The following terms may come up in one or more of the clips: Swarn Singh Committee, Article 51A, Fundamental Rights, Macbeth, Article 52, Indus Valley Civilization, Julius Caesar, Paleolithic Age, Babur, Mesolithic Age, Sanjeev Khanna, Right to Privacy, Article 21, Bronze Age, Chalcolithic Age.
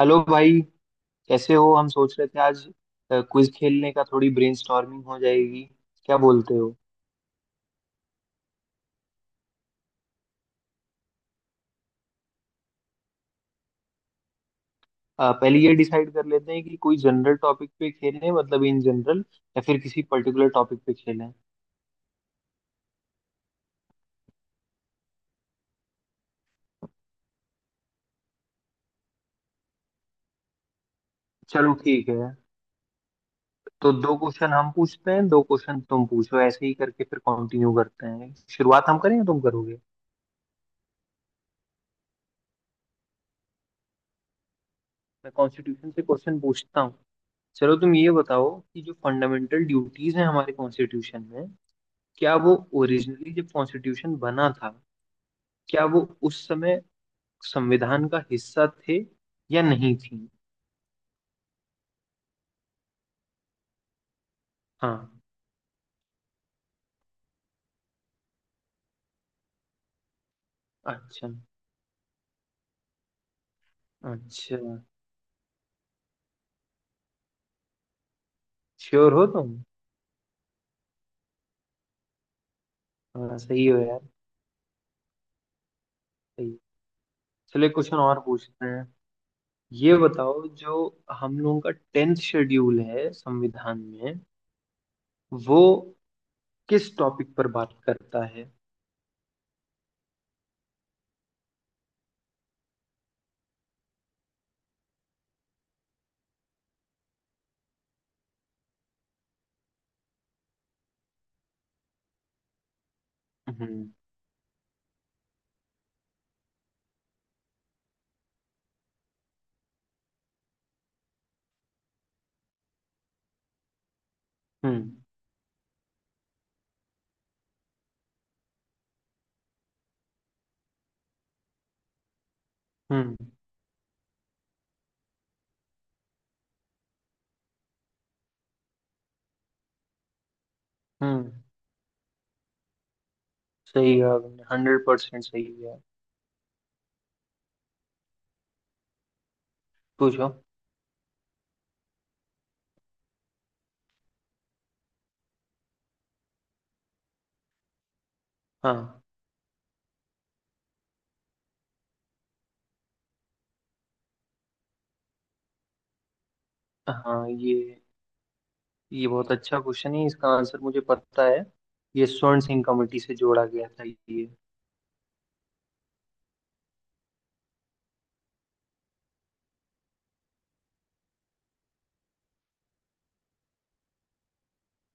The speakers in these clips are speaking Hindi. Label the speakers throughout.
Speaker 1: हेलो भाई। कैसे हो? हम सोच रहे थे आज क्विज खेलने का, थोड़ी ब्रेनस्टॉर्मिंग हो जाएगी। क्या बोलते हो? पहले ये डिसाइड कर लेते हैं कि कोई जनरल टॉपिक पे खेलें, मतलब इन जनरल, या फिर किसी पर्टिकुलर टॉपिक पे खेलें। चलो, ठीक है। तो दो क्वेश्चन हम पूछते हैं, दो क्वेश्चन तुम पूछो, ऐसे ही करके फिर कंटिन्यू करते हैं। शुरुआत हम करें या तुम करोगे? मैं कॉन्स्टिट्यूशन से क्वेश्चन पूछता हूँ। चलो, तुम ये बताओ कि जो फंडामेंटल ड्यूटीज हैं हमारे कॉन्स्टिट्यूशन में, क्या वो ओरिजिनली जब कॉन्स्टिट्यूशन बना था, क्या वो उस समय संविधान का हिस्सा थे या नहीं थी? हाँ। अच्छा। अच्छा। श्योर हो तुम? हाँ, सही हो यार। सही। चलिए, क्वेश्चन और पूछते हैं। ये बताओ, जो हम लोगों का 10th शेड्यूल है संविधान में, वो किस टॉपिक पर बात करता है? हम्म। हम्म। हम्म। हम्म। सही है, आपने 100% सही है। पूछो। हाँ, हाँ। ये बहुत अच्छा क्वेश्चन है, इसका आंसर मुझे पता है। ये स्वर्ण सिंह कमेटी से जोड़ा गया था, ये।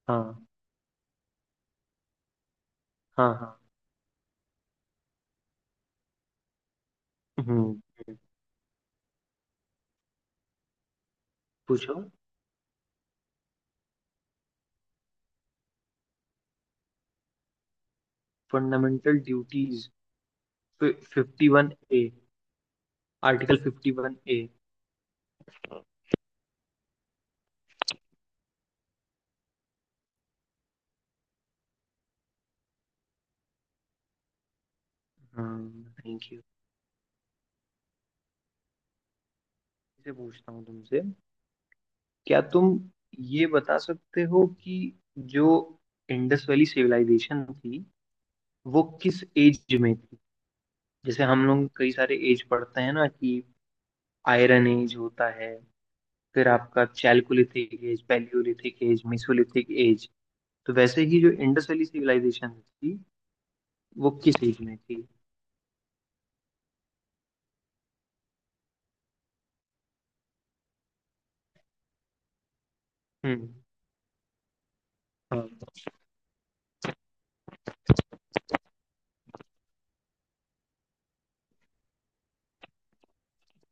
Speaker 1: हाँ, हाँ, हाँ। हम्म। हम्म। पूछो। Fundamental duties. 51A। Article 51A। Hmm. Thank you. से पूछता हूँ तुमसे। क्या तुम ये बता सकते हो कि जो इंडस वैली सिविलाइजेशन थी, वो किस एज में थी? जैसे हम लोग कई सारे एज पढ़ते हैं ना, कि आयरन एज होता है, फिर आपका chalcolithic age, palaeolithic age, mesolithic age. तो वैसे ही जो इंडस वैली सिविलाइजेशन थी, वो किस एज में थी? हम्म। हाँ।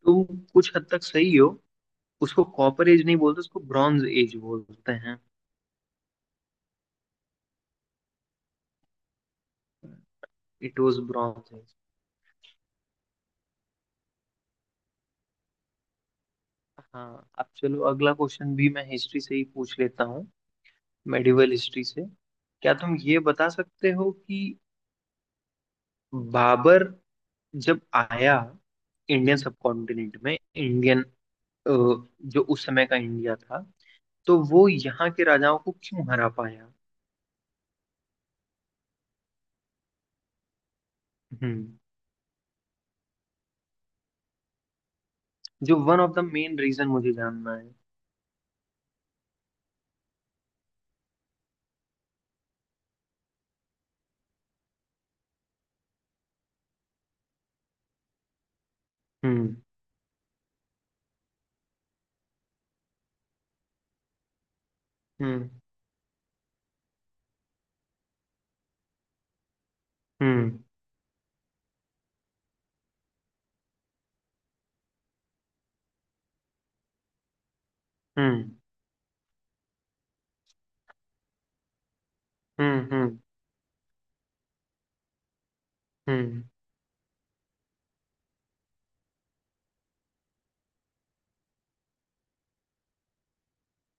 Speaker 1: तुम कुछ हद तक सही हो। उसको कॉपर एज नहीं बोलते, उसको ब्रॉन्ज एज बोलते हैं। It was bronze age. हाँ, अब चलो, अगला क्वेश्चन भी मैं हिस्ट्री से ही पूछ लेता हूँ। मेडिवल हिस्ट्री से। क्या तुम ये बता सकते हो कि बाबर जब आया इंडियन सबकॉन्टिनेंट में, इंडियन अ, जो उस समय का इंडिया था, तो वो यहाँ के राजाओं को क्यों हरा पाया? हम्म। जो one of the main reason, मुझे जानना है। हम्म। हम्म। हम्म। हम्म। हम्म। हम्म। हम्म।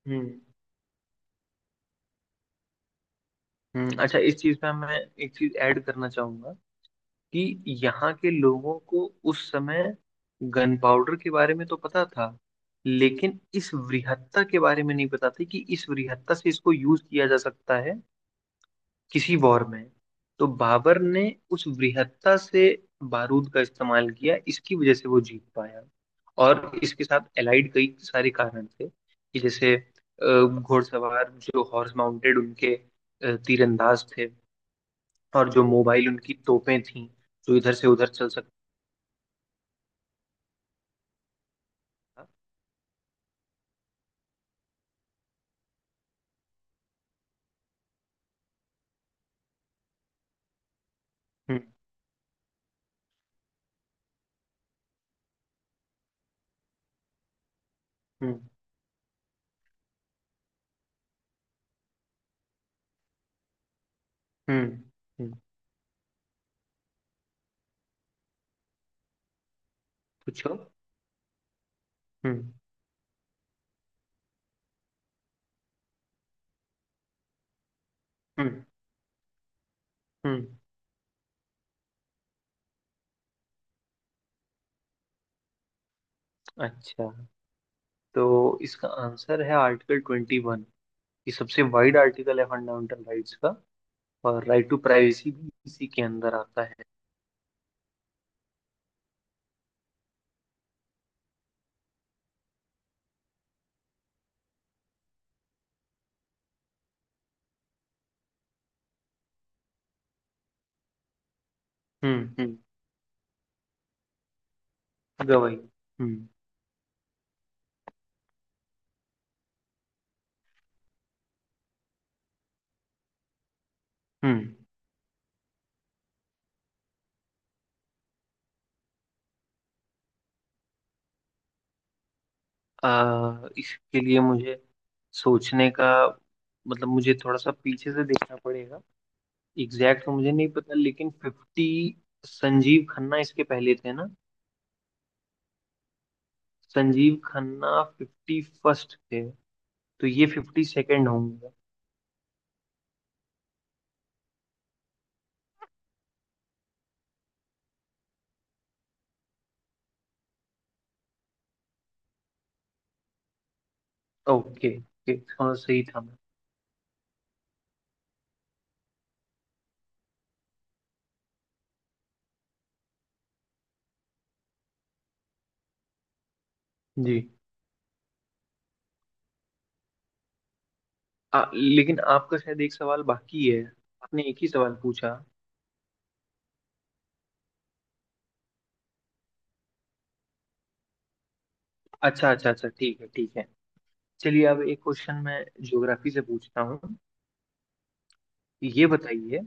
Speaker 1: हम्म। हम्म। अच्छा, इस चीज पे मैं एक चीज ऐड करना चाहूंगा, कि यहाँ के लोगों को उस समय गन पाउडर के बारे में तो पता था, लेकिन इस वृहत्ता के बारे में नहीं पता था कि इस वृहत्ता से इसको यूज किया जा सकता है किसी वॉर में। तो बाबर ने उस वृहत्ता से बारूद का इस्तेमाल किया, इसकी वजह से वो जीत पाया। और इसके साथ एलाइड कई सारे कारण थे, कि जैसे घुड़सवार, जो हॉर्स माउंटेड, उनके तीरंदाज थे। और जो मोबाइल उनकी तोपें थीं, जो इधर से उधर चल सकता था। हम्म। हम्म। हम्म। हम्म। पूछो। हम्म। हम्म। हम्म। अच्छा, तो इसका आंसर है आर्टिकल 21। ये सबसे वाइड आर्टिकल है फंडामेंटल राइट्स का। और राइट टू प्राइवेसी भी इसी के अंदर आता है। हम्म। हम्म। गवाही। हम्म। हम्म। इसके लिए मुझे सोचने का, मतलब मुझे थोड़ा सा पीछे से देखना पड़ेगा। एग्जैक्ट तो मुझे नहीं पता, लेकिन 50, संजीव खन्ना इसके पहले थे ना? संजीव खन्ना 51st थे, तो ये 52nd होंगे। ओके, ओके, थोड़ा सही था मैं। जी। लेकिन आपका शायद एक सवाल बाकी है, आपने एक ही सवाल पूछा। अच्छा, अच्छा, अच्छा। ठीक है, ठीक है। चलिए, अब एक क्वेश्चन मैं ज्योग्राफी से पूछता हूँ। ये बताइए,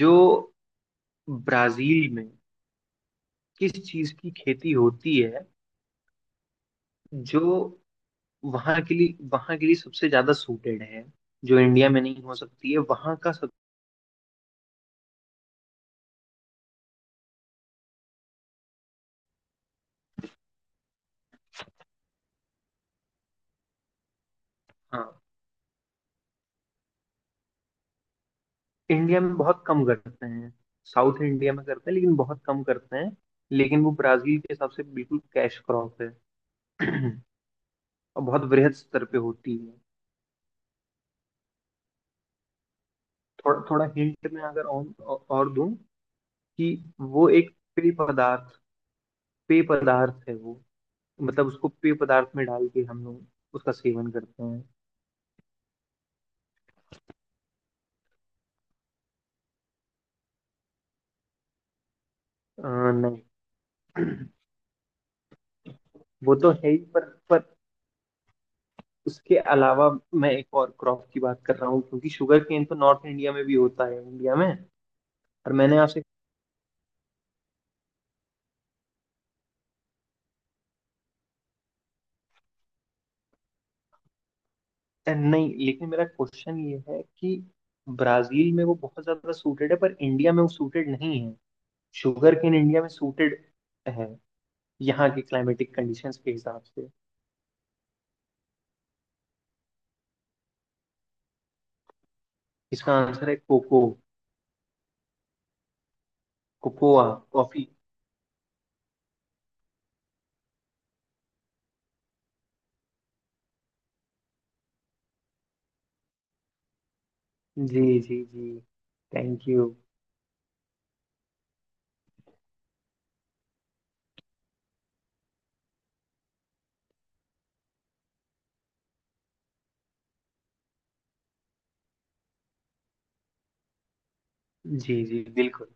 Speaker 1: जो ब्राजील में किस चीज की खेती होती है, जो वहां के लिए सबसे ज्यादा सूटेड है, जो इंडिया में नहीं हो सकती है, वहां का सब। हाँ, इंडिया में बहुत कम करते हैं। साउथ इंडिया में करते हैं, लेकिन बहुत कम करते हैं। लेकिन वो ब्राजील के हिसाब से बिल्कुल कैश क्रॉप है। और बहुत वृहद स्तर पे होती है। थोड़ा थोड़ा हिंट में अगर और दूं, कि वो एक पेय पदार्थ, पेय पदार्थ है वो, मतलब उसको पेय पदार्थ में डाल के हम लोग उसका सेवन करते हैं। नहीं। वो तो है ही, पर उसके अलावा मैं एक और क्रॉप की बात कर रहा हूँ, क्योंकि शुगर केन तो नॉर्थ इंडिया में भी होता है, इंडिया में। और मैंने आपसे नहीं, लेकिन मेरा क्वेश्चन ये है कि ब्राजील में वो बहुत ज्यादा सूटेड है, पर इंडिया में वो सूटेड नहीं है। शुगर केन इंडिया में सूटेड है, यहाँ के क्लाइमेटिक कंडीशंस के हिसाब से। इसका आंसर है कोको, कोकोआ, कॉफी। जी, जी, जी। Thank you. जी, जी, बिल्कुल।